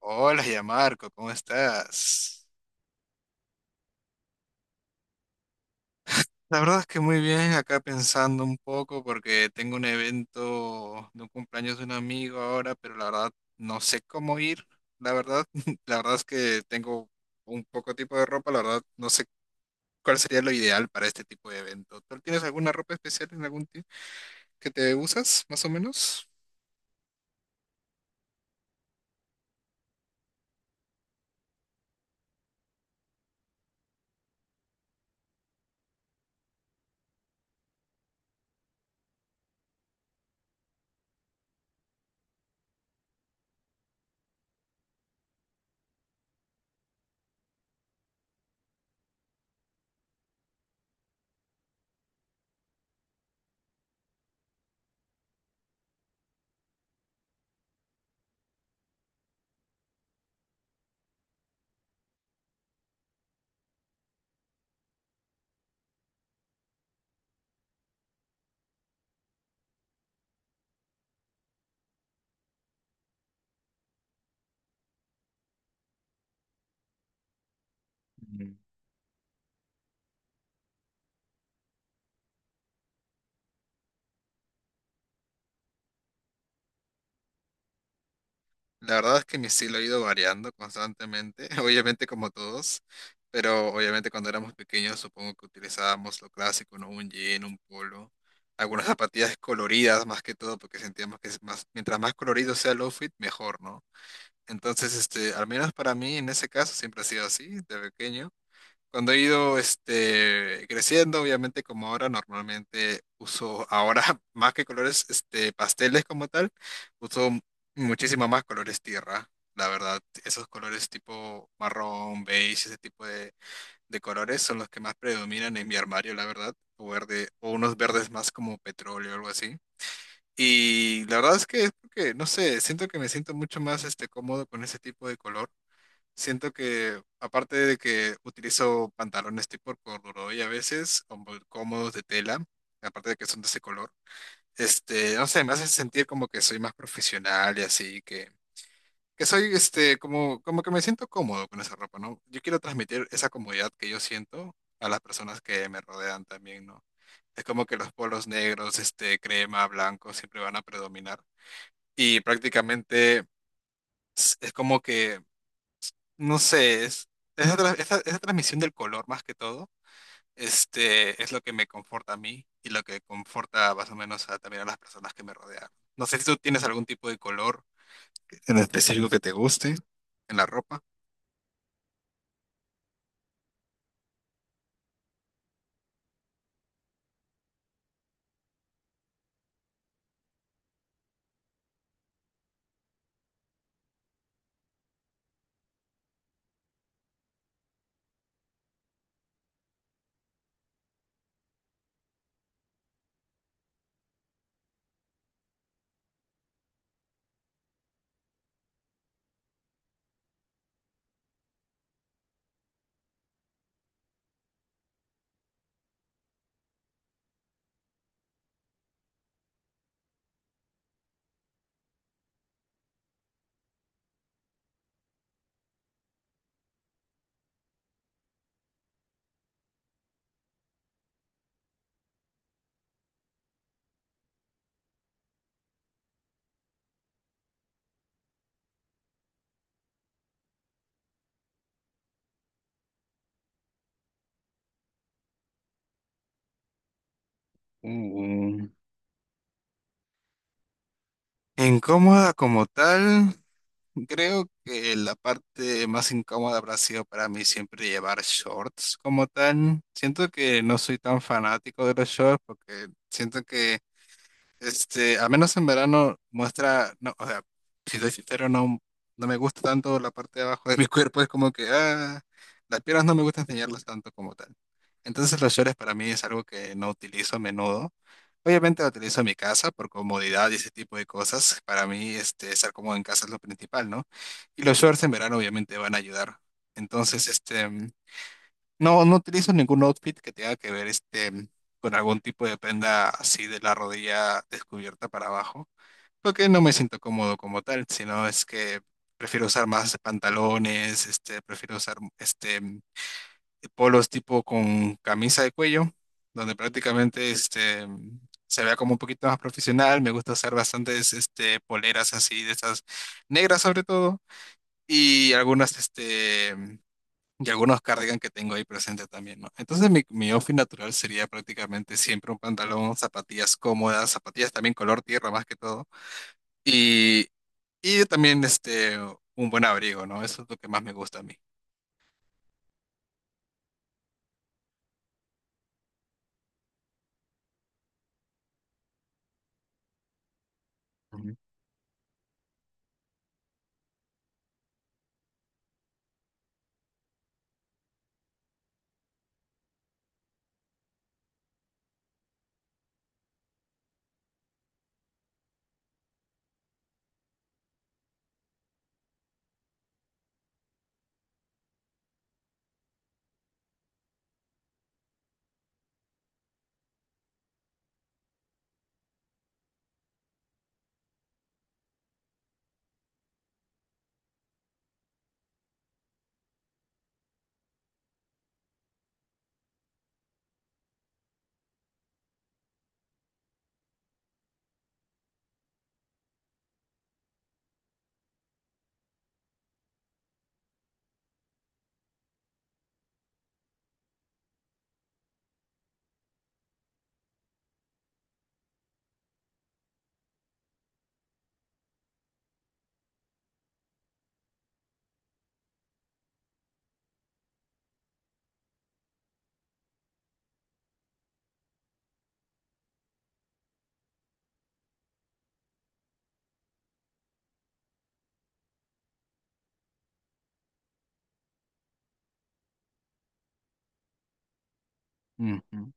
Hola, ya Marco, ¿cómo estás? La verdad es que muy bien, acá pensando un poco porque tengo un evento de un cumpleaños de un amigo ahora, pero la verdad no sé cómo ir. La verdad, la verdad es que tengo un poco tipo de ropa, la verdad no sé cuál sería lo ideal para este tipo de evento. ¿Tú tienes alguna ropa especial en algún tipo que te usas, más o menos? La verdad es que mi estilo ha ido variando constantemente, obviamente como todos, pero obviamente cuando éramos pequeños supongo que utilizábamos lo clásico, ¿no? Un jean, un polo, algunas zapatillas coloridas más que todo, porque sentíamos que es más, mientras más colorido sea el outfit, mejor, ¿no? Entonces, este, al menos para mí en ese caso siempre ha sido así, de pequeño. Cuando he ido este, creciendo, obviamente como ahora, normalmente uso ahora más que colores este, pasteles como tal, uso muchísimo más colores tierra, la verdad. Esos colores tipo marrón, beige, ese tipo de colores son los que más predominan en mi armario, la verdad. O verde, o unos verdes más como petróleo o algo así. Y la verdad es que es porque, no sé, siento que me siento mucho más este, cómodo con ese tipo de color. Siento que, aparte de que utilizo pantalones tipo corduroy a veces, como cómodos de tela, aparte de que son de ese color, este, no sé, me hace sentir como que soy más profesional y así, que soy, este, como, como que me siento cómodo con esa ropa, ¿no? Yo quiero transmitir esa comodidad que yo siento a las personas que me rodean también, ¿no? Es como que los polos negros, este, crema, blanco, siempre van a predominar. Y prácticamente es como que no sé, es, esa, esa transmisión del color más que todo, este, es lo que me conforta a mí y lo que conforta más o menos a, también a las personas que me rodean. No sé si tú tienes algún tipo de color en específico que te guste en la ropa. Mm, incómoda como tal, creo que la parte más incómoda habrá sido para mí siempre llevar shorts como tal. Siento que no soy tan fanático de los shorts porque siento que este, al menos en verano muestra, no, o sea, si soy sincero, no, no me gusta tanto la parte de abajo de mi cuerpo, es como que, ah, las piernas no me gusta enseñarlas tanto como tal. Entonces los shorts para mí es algo que no utilizo a menudo. Obviamente lo utilizo en mi casa por comodidad y ese tipo de cosas. Para mí, este, estar cómodo en casa es lo principal, ¿no? Y los shorts en verano obviamente van a ayudar. Entonces, este... No, no utilizo ningún outfit que tenga que ver este con algún tipo de prenda así de la rodilla descubierta para abajo, porque no me siento cómodo como tal, sino es que prefiero usar más pantalones, este, prefiero usar este polos tipo con camisa de cuello, donde prácticamente este se vea como un poquito más profesional. Me gusta usar bastantes este poleras así de esas negras sobre todo y algunas este y algunos cardigan que tengo ahí presente también, ¿no? Entonces mi outfit natural sería prácticamente siempre un pantalón, zapatillas cómodas, zapatillas también color tierra más que todo. Y, y también este, un buen abrigo, ¿no? Eso es lo que más me gusta a mí. Ujú. Ujú.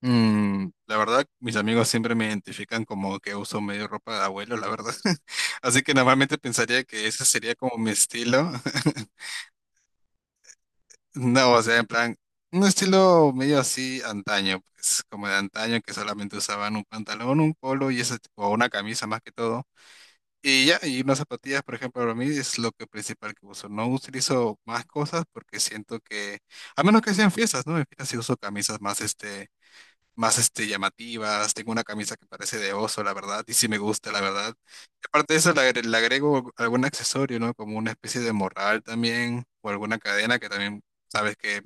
Mm, la verdad, mis amigos siempre me identifican como que uso medio ropa de abuelo, la verdad. Así que normalmente pensaría que ese sería como mi estilo. No, o sea, en plan, un estilo medio así antaño, pues, como de antaño, que solamente usaban un pantalón, un polo y ese, tipo- o una camisa más que todo. Y ya, y unas zapatillas, por ejemplo, para mí es lo que principal que uso. No utilizo más cosas porque siento que, a menos que sean fiestas, ¿no? En fiestas sí uso camisas más este, llamativas. Tengo una camisa que parece de oso, la verdad, y sí me gusta, la verdad. Y aparte de eso, le agrego algún accesorio, ¿no? Como una especie de morral también, o alguna cadena que también sabes que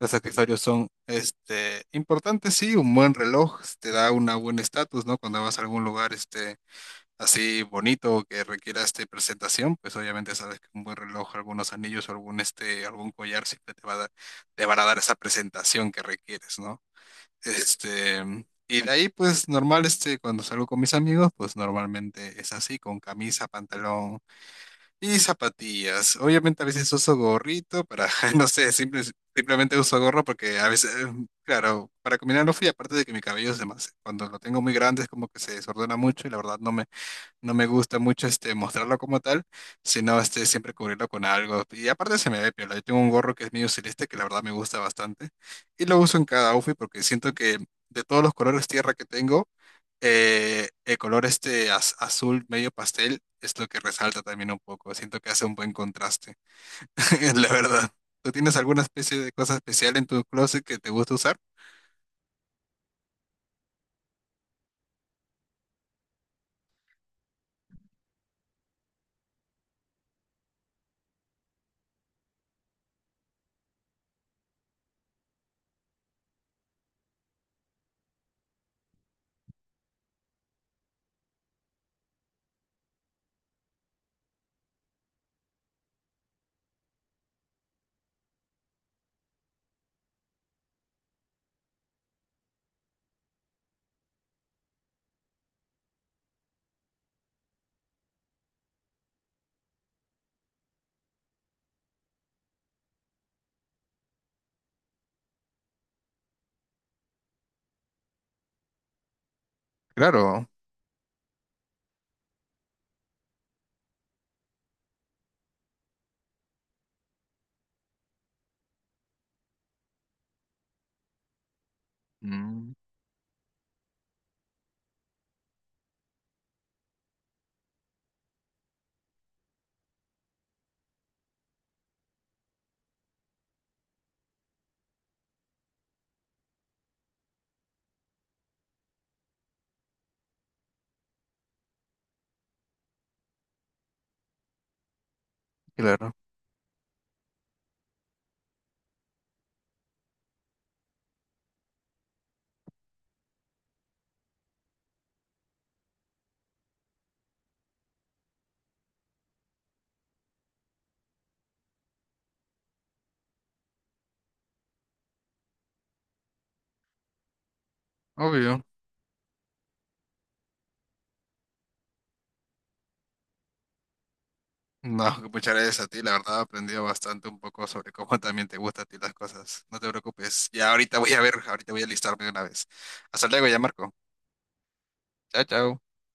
los accesorios son este, importantes, sí. Un buen reloj te da una buen estatus, ¿no? Cuando vas a algún lugar este, así bonito que requiera este, presentación, pues obviamente sabes que un buen reloj, algunos anillos o algún, este, algún collar siempre te va a dar, te van a dar esa presentación que requieres, ¿no? Este, y de ahí, pues normal, este, cuando salgo con mis amigos, pues normalmente es así, con camisa, pantalón y zapatillas. Obviamente a veces uso gorrito para, no sé, simplemente uso gorro porque a veces, claro, para combinar no fui, aparte de que mi cabello es demasiado, cuando lo tengo muy grande es como que se desordena mucho y la verdad no me, no me gusta mucho este mostrarlo como tal, sino este siempre cubrirlo con algo. Y aparte se me ve piola. Yo tengo un gorro que es medio celeste que la verdad me gusta bastante y lo uso en cada outfit porque siento que de todos los colores tierra que tengo, el color este azul medio pastel es lo que resalta también un poco. Siento que hace un buen contraste, la verdad. ¿Tú tienes alguna especie de cosa especial en tu closet que te gusta usar? Claro, mm, claro, obvio. No, que muchas gracias a ti, la verdad he aprendido bastante un poco sobre cómo también te gustan a ti las cosas. No te preocupes, ya ahorita voy a ver, ahorita voy a listarme de una vez. Hasta luego ya, Marco. Chao, chao.